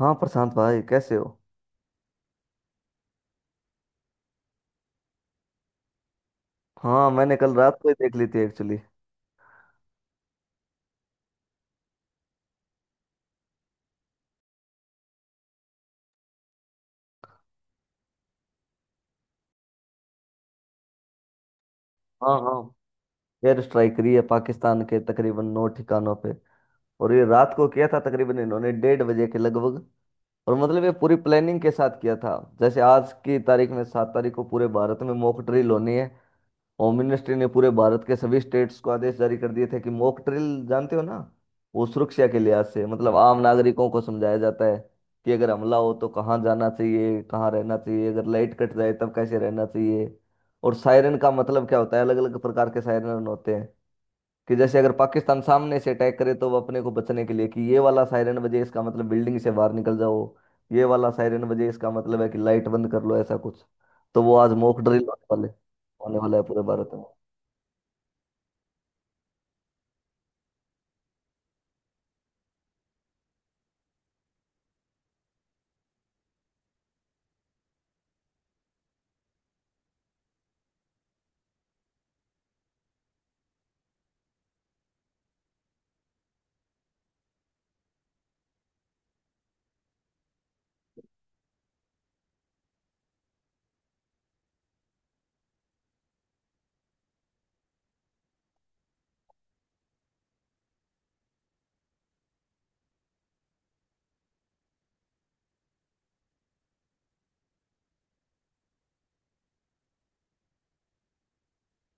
हाँ प्रशांत भाई, कैसे हो। हाँ, मैंने कल रात को ही देख ली थी एक्चुअली। हाँ हाँ, एयर स्ट्राइक करी है पाकिस्तान के तकरीबन 9 ठिकानों पे। और ये रात को किया था तकरीबन इन्होंने 1:30 बजे के लगभग। और मतलब ये पूरी प्लानिंग के साथ किया था। जैसे आज की तारीख में 7 तारीख को पूरे भारत में मॉक ड्रिल होनी है। होममिनिस्ट्री ने पूरे भारत के सभी स्टेट्स को आदेश जारी कर दिए थे कि मॉक ड्रिल, जानते हो ना। वो सुरक्षा के लिहाज से मतलब आम नागरिकों को समझाया जाता है कि अगर हमला हो तो कहाँ जाना चाहिए, कहाँ रहना चाहिए, अगर लाइट कट जाए तब कैसे रहना चाहिए। और सायरन का मतलब क्या होता है, अलग अलग प्रकार के सायरन होते हैं। कि जैसे अगर पाकिस्तान सामने से अटैक करे तो वो अपने को बचने के लिए कि ये वाला सायरन बजे इसका मतलब बिल्डिंग से बाहर निकल जाओ। ये वाला सायरन बजे इसका मतलब है कि लाइट बंद कर लो, ऐसा कुछ। तो वो आज मॉक ड्रिल होने वाले, होने वाला है पूरे भारत में।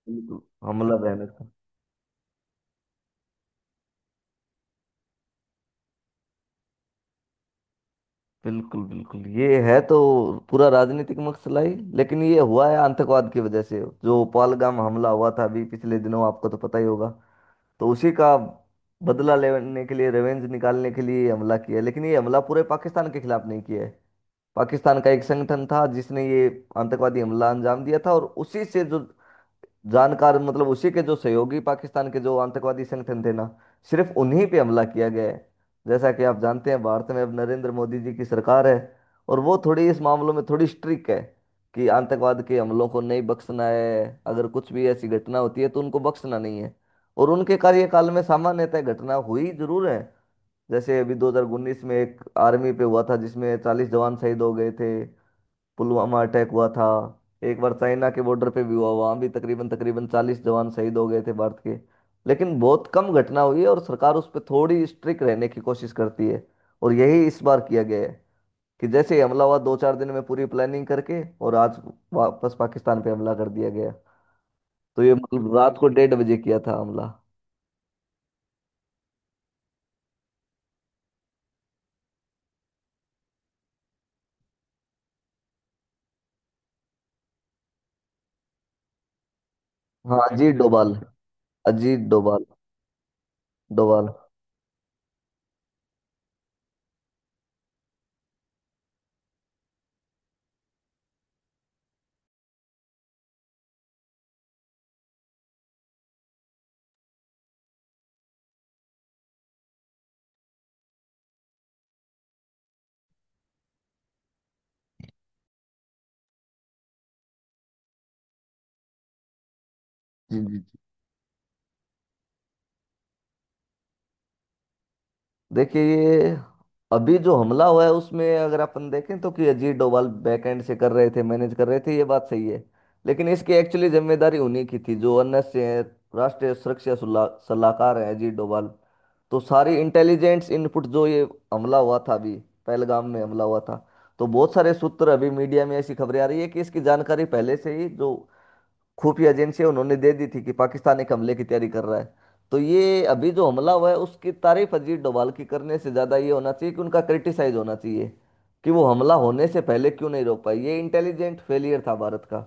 बिल्कुल। हमला बयान था। बिल्कुल बिल्कुल, ये है तो पूरा राजनीतिक मसला ही। लेकिन ये हुआ है आतंकवाद की वजह से। जो पहलगाम हमला हुआ था अभी पिछले दिनों, आपको तो पता ही होगा। तो उसी का बदला लेने के लिए, रिवेंज निकालने के लिए ये हमला किया है। लेकिन ये हमला पूरे पाकिस्तान के खिलाफ नहीं किया है। पाकिस्तान का एक संगठन था जिसने ये आतंकवादी हमला अंजाम दिया था, और उसी से जो जानकार मतलब उसी के जो सहयोगी पाकिस्तान के जो आतंकवादी संगठन थे ना, सिर्फ उन्हीं पे हमला किया गया है। जैसा कि आप जानते हैं, भारत में अब नरेंद्र मोदी जी की सरकार है और वो थोड़ी इस मामलों में थोड़ी स्ट्रिक्ट है कि आतंकवाद के हमलों को नहीं बख्शना है। अगर कुछ भी ऐसी घटना होती है तो उनको बख्शना नहीं है। और उनके कार्यकाल में सामान्यतः घटना हुई जरूर है। जैसे अभी 2019 में एक आर्मी पे हुआ था जिसमें 40 जवान शहीद हो गए थे। पुलवामा अटैक हुआ था। एक बार चाइना के बॉर्डर पे भी हुआ, वहाँ भी तकरीबन तकरीबन 40 जवान शहीद हो गए थे भारत के। लेकिन बहुत कम घटना हुई है और सरकार उस पर थोड़ी स्ट्रिक्ट रहने की कोशिश करती है। और यही इस बार किया गया है कि जैसे ही हमला हुआ, दो चार दिन में पूरी प्लानिंग करके और आज वापस पाकिस्तान पे हमला कर दिया गया। तो ये मतलब रात को 1:30 बजे किया था हमला। हाँ, अजीत डोभाल डोभाल जी जी। देखिए, ये अभी जो हमला हुआ है उसमें अगर अपन देखें तो कि अजीत डोभाल बैकएंड से कर रहे थे, मैनेज कर रहे थे, ये बात सही है। लेकिन इसकी एक्चुअली जिम्मेदारी उन्हीं की थी, जो अन्य से हैं, राष्ट्रीय सुरक्षा सलाहकार हैं अजीत डोभाल। तो सारी इंटेलिजेंस इनपुट, जो ये हमला हुआ था अभी पहलगाम में हमला हुआ था, तो बहुत सारे सूत्र अभी मीडिया में ऐसी खबरें आ रही है कि इसकी जानकारी पहले से ही जो खुफिया एजेंसियां, उन्होंने दे दी थी कि पाकिस्तान एक हमले की तैयारी कर रहा है। तो ये अभी जो हमला हुआ है, उसकी तारीफ अजीत डोभाल की करने से ज़्यादा ये होना चाहिए कि उनका क्रिटिसाइज होना चाहिए कि वो हमला होने से पहले क्यों नहीं रोक पाए। ये इंटेलिजेंट फेलियर था भारत का।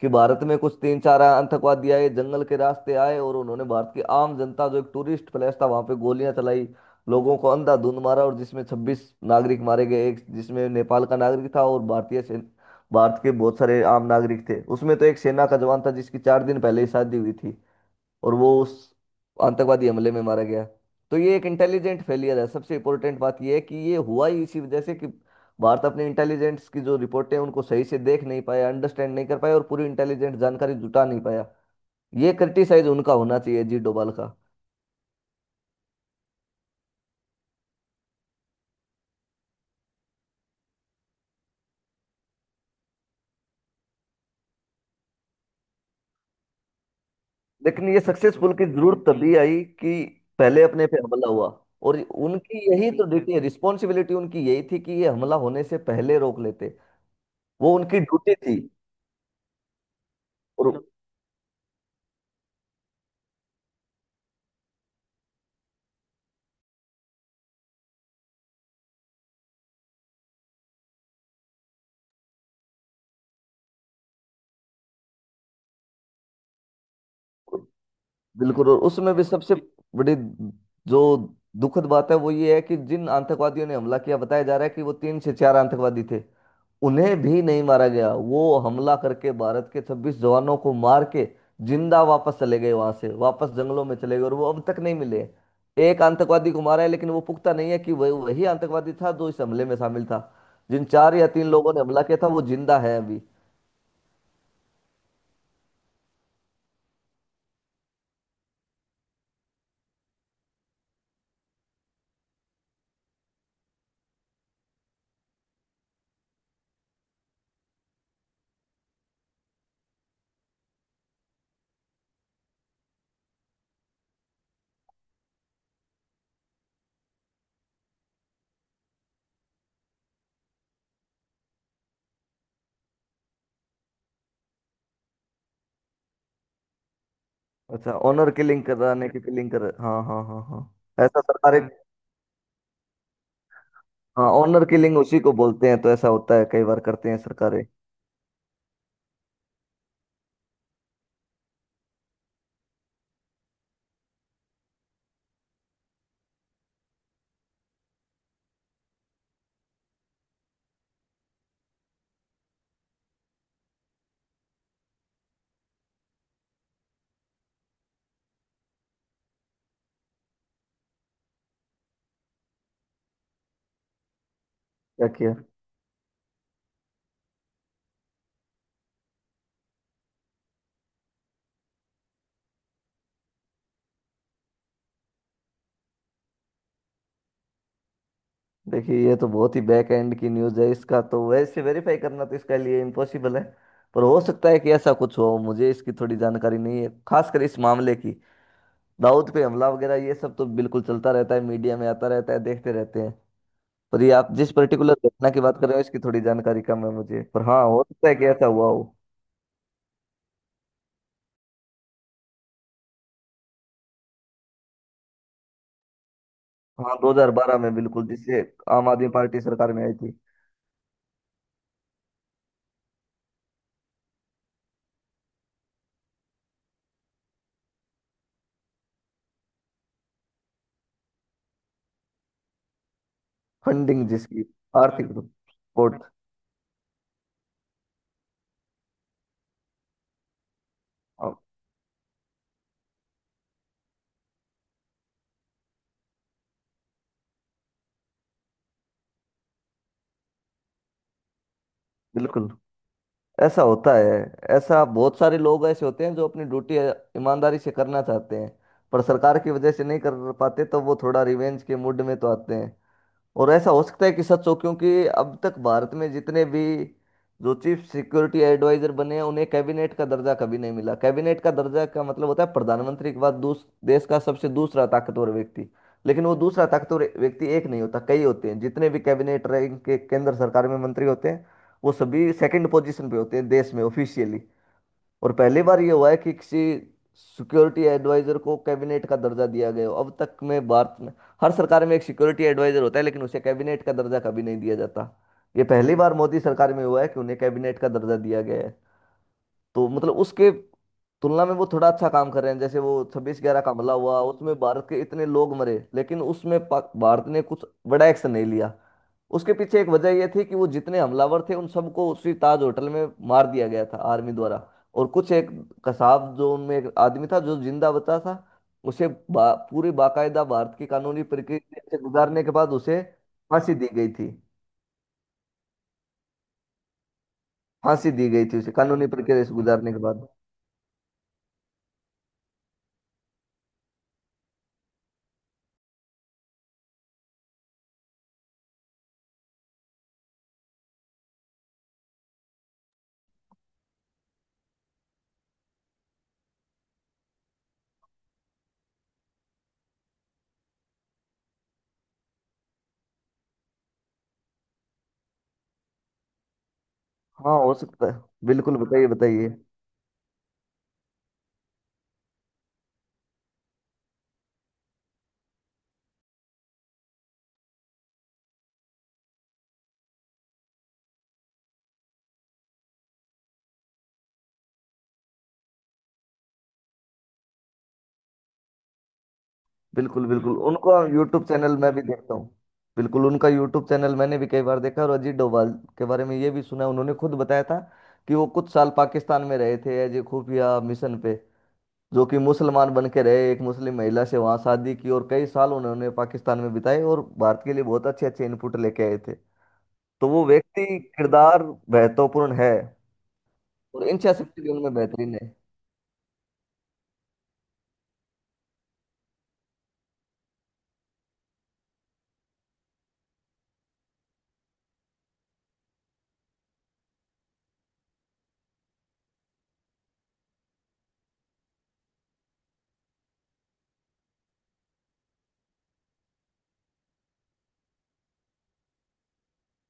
कि भारत में कुछ तीन चार आतंकवादी आए, जंगल के रास्ते आए, और उन्होंने भारत की आम जनता, जो एक टूरिस्ट प्लेस था वहां पे, गोलियां चलाई, लोगों को अंधाधुंध मारा, और जिसमें 26 नागरिक मारे गए। एक जिसमें नेपाल का नागरिक था, और भारतीय भारत के बहुत सारे आम नागरिक थे उसमें। तो एक सेना का जवान था जिसकी चार दिन पहले ही शादी हुई थी और वो उस आतंकवादी हमले में मारा गया। तो ये एक इंटेलिजेंट फेलियर है। सबसे इंपॉर्टेंट बात ये है कि ये हुआ ही इसी वजह से कि भारत अपने इंटेलिजेंस की जो रिपोर्टें हैं, उनको सही से देख नहीं पाया, अंडरस्टैंड नहीं कर पाया, और पूरी इंटेलिजेंट जानकारी जुटा नहीं पाया। ये क्रिटिसाइज उनका होना चाहिए जी, डोभाल का। लेकिन ये सक्सेसफुल की जरूरत तभी आई कि पहले अपने पे हमला हुआ। और उनकी यही तो ड्यूटी है, रिस्पॉन्सिबिलिटी उनकी यही थी कि ये हमला होने से पहले रोक लेते। वो उनकी ड्यूटी थी। और बिल्कुल, और उसमें भी सबसे बड़ी जो दुखद बात है वो ये है कि जिन आतंकवादियों ने हमला किया, बताया जा रहा है कि वो तीन से चार आतंकवादी थे, उन्हें भी नहीं मारा गया। वो हमला करके भारत के 26 जवानों को मार के जिंदा वापस चले गए, वहां से वापस जंगलों में चले गए, और वो अब तक नहीं मिले। एक आतंकवादी को मारा है, लेकिन वो पुख्ता नहीं है कि वह वही आतंकवादी था जो इस हमले में शामिल था। जिन चार या तीन लोगों ने हमला किया था वो जिंदा है अभी। अच्छा, ऑनर किलिंग कराने की, किलिंग कर। हाँ हाँ हाँ हाँ। ऐसा सरकारें। हाँ, ऑनर किलिंग उसी को बोलते हैं। तो ऐसा होता है, कई बार करते हैं सरकारें। क्या किया। देखिए, ये तो बहुत ही बैक एंड की न्यूज़ है। इसका तो वैसे वेरीफाई करना तो इसके लिए इम्पॉसिबल है। पर हो सकता है कि ऐसा कुछ हो, मुझे इसकी थोड़ी जानकारी नहीं है खासकर इस मामले की। दाऊद पे हमला वगैरह ये सब तो बिल्कुल चलता रहता है, मीडिया में आता रहता है, देखते रहते हैं। पर ये आप जिस पर्टिकुलर घटना की बात कर रहे हो, इसकी थोड़ी जानकारी कम है मुझे, पर हाँ, हो सकता है कि ऐसा हुआ हो। हाँ, 2012 में बिल्कुल, जिससे आम आदमी पार्टी सरकार में आई थी। फंडिंग जिसकी, आर्थिक सपोर्ट। हाँ, बिल्कुल, ऐसा होता है। ऐसा बहुत सारे लोग ऐसे होते हैं जो अपनी ड्यूटी ईमानदारी से करना चाहते हैं, पर सरकार की वजह से नहीं कर पाते तो वो थोड़ा रिवेंज के मूड में तो आते हैं। और ऐसा हो सकता है कि सच हो, क्योंकि अब तक भारत में जितने भी जो चीफ सिक्योरिटी एडवाइजर बने हैं, उन्हें कैबिनेट का दर्जा कभी नहीं मिला। कैबिनेट का दर्जा का मतलब होता है प्रधानमंत्री के बाद दूस देश का सबसे दूसरा ताकतवर व्यक्ति। लेकिन वो दूसरा ताकतवर व्यक्ति एक नहीं होता, कई होते हैं। जितने भी कैबिनेट रैंक के केंद्र सरकार में मंत्री होते हैं, वो सभी सेकंड पोजीशन पे होते हैं देश में ऑफिशियली। और पहली बार ये हुआ है कि किसी सिक्योरिटी एडवाइजर को कैबिनेट का दर्जा दिया गया हो अब तक में भारत में। हर सरकार में एक सिक्योरिटी एडवाइजर होता है, लेकिन उसे कैबिनेट का दर्जा कभी नहीं दिया जाता। ये पहली बार मोदी सरकार में हुआ है कि उन्हें कैबिनेट का दर्जा दिया गया है। तो मतलब उसके तुलना में वो थोड़ा अच्छा काम कर रहे हैं। जैसे वो 26/11 का हमला हुआ उसमें भारत के इतने लोग मरे, लेकिन उसमें भारत ने कुछ बड़ा एक्शन नहीं लिया। उसके पीछे एक वजह यह थी कि वो जितने हमलावर थे उन सबको उसी ताज होटल में मार दिया गया था आर्मी द्वारा। और कुछ एक कसाब जो उनमें एक आदमी था जो जिंदा बचा था, उसे पूरी बाकायदा भारत की कानूनी प्रक्रिया से गुजारने के बाद उसे फांसी दी गई थी। फांसी दी गई थी उसे कानूनी प्रक्रिया से गुजारने के बाद। हाँ, हो सकता है। बिल्कुल, बताइए बताइए। बिल्कुल बिल्कुल, हम्म, उनको यूट्यूब चैनल मैं भी देखता हूँ। बिल्कुल, उनका यूट्यूब चैनल मैंने भी कई बार देखा। और अजीत डोभाल के बारे में ये भी सुना है, उन्होंने खुद बताया था कि वो कुछ साल पाकिस्तान में रहे थे एज ए खुफिया मिशन पे। जो कि मुसलमान बन के रहे, एक मुस्लिम महिला से वहाँ शादी की, और कई साल उन्होंने पाकिस्तान में बिताए और भारत के लिए बहुत अच्छे अच्छे इनपुट लेके आए थे। तो वो व्यक्ति, किरदार महत्वपूर्ण है। और इच्छा शक्ति भी उनमें बेहतरीन है।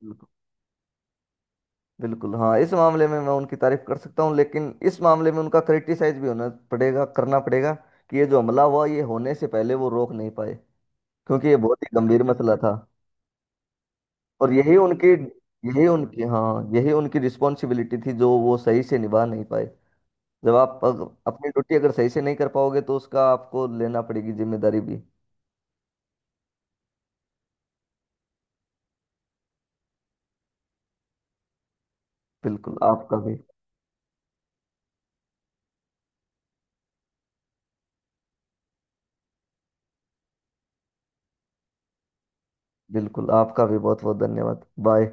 बिल्कुल। बिल्कुल हाँ, इस मामले में मैं उनकी तारीफ कर सकता हूँ, लेकिन इस मामले में उनका क्रिटिसाइज भी होना पड़ेगा, करना पड़ेगा कि ये जो हमला हुआ ये होने से पहले वो रोक नहीं पाए, क्योंकि ये बहुत ही गंभीर मसला था। और यही उनकी रिस्पॉन्सिबिलिटी थी जो वो सही से निभा नहीं पाए। जब आप अपनी ड्यूटी अगर सही से नहीं कर पाओगे तो उसका आपको लेना पड़ेगी जिम्मेदारी भी। बिल्कुल आपका भी। बिल्कुल आपका भी बहुत बहुत धन्यवाद। बाय।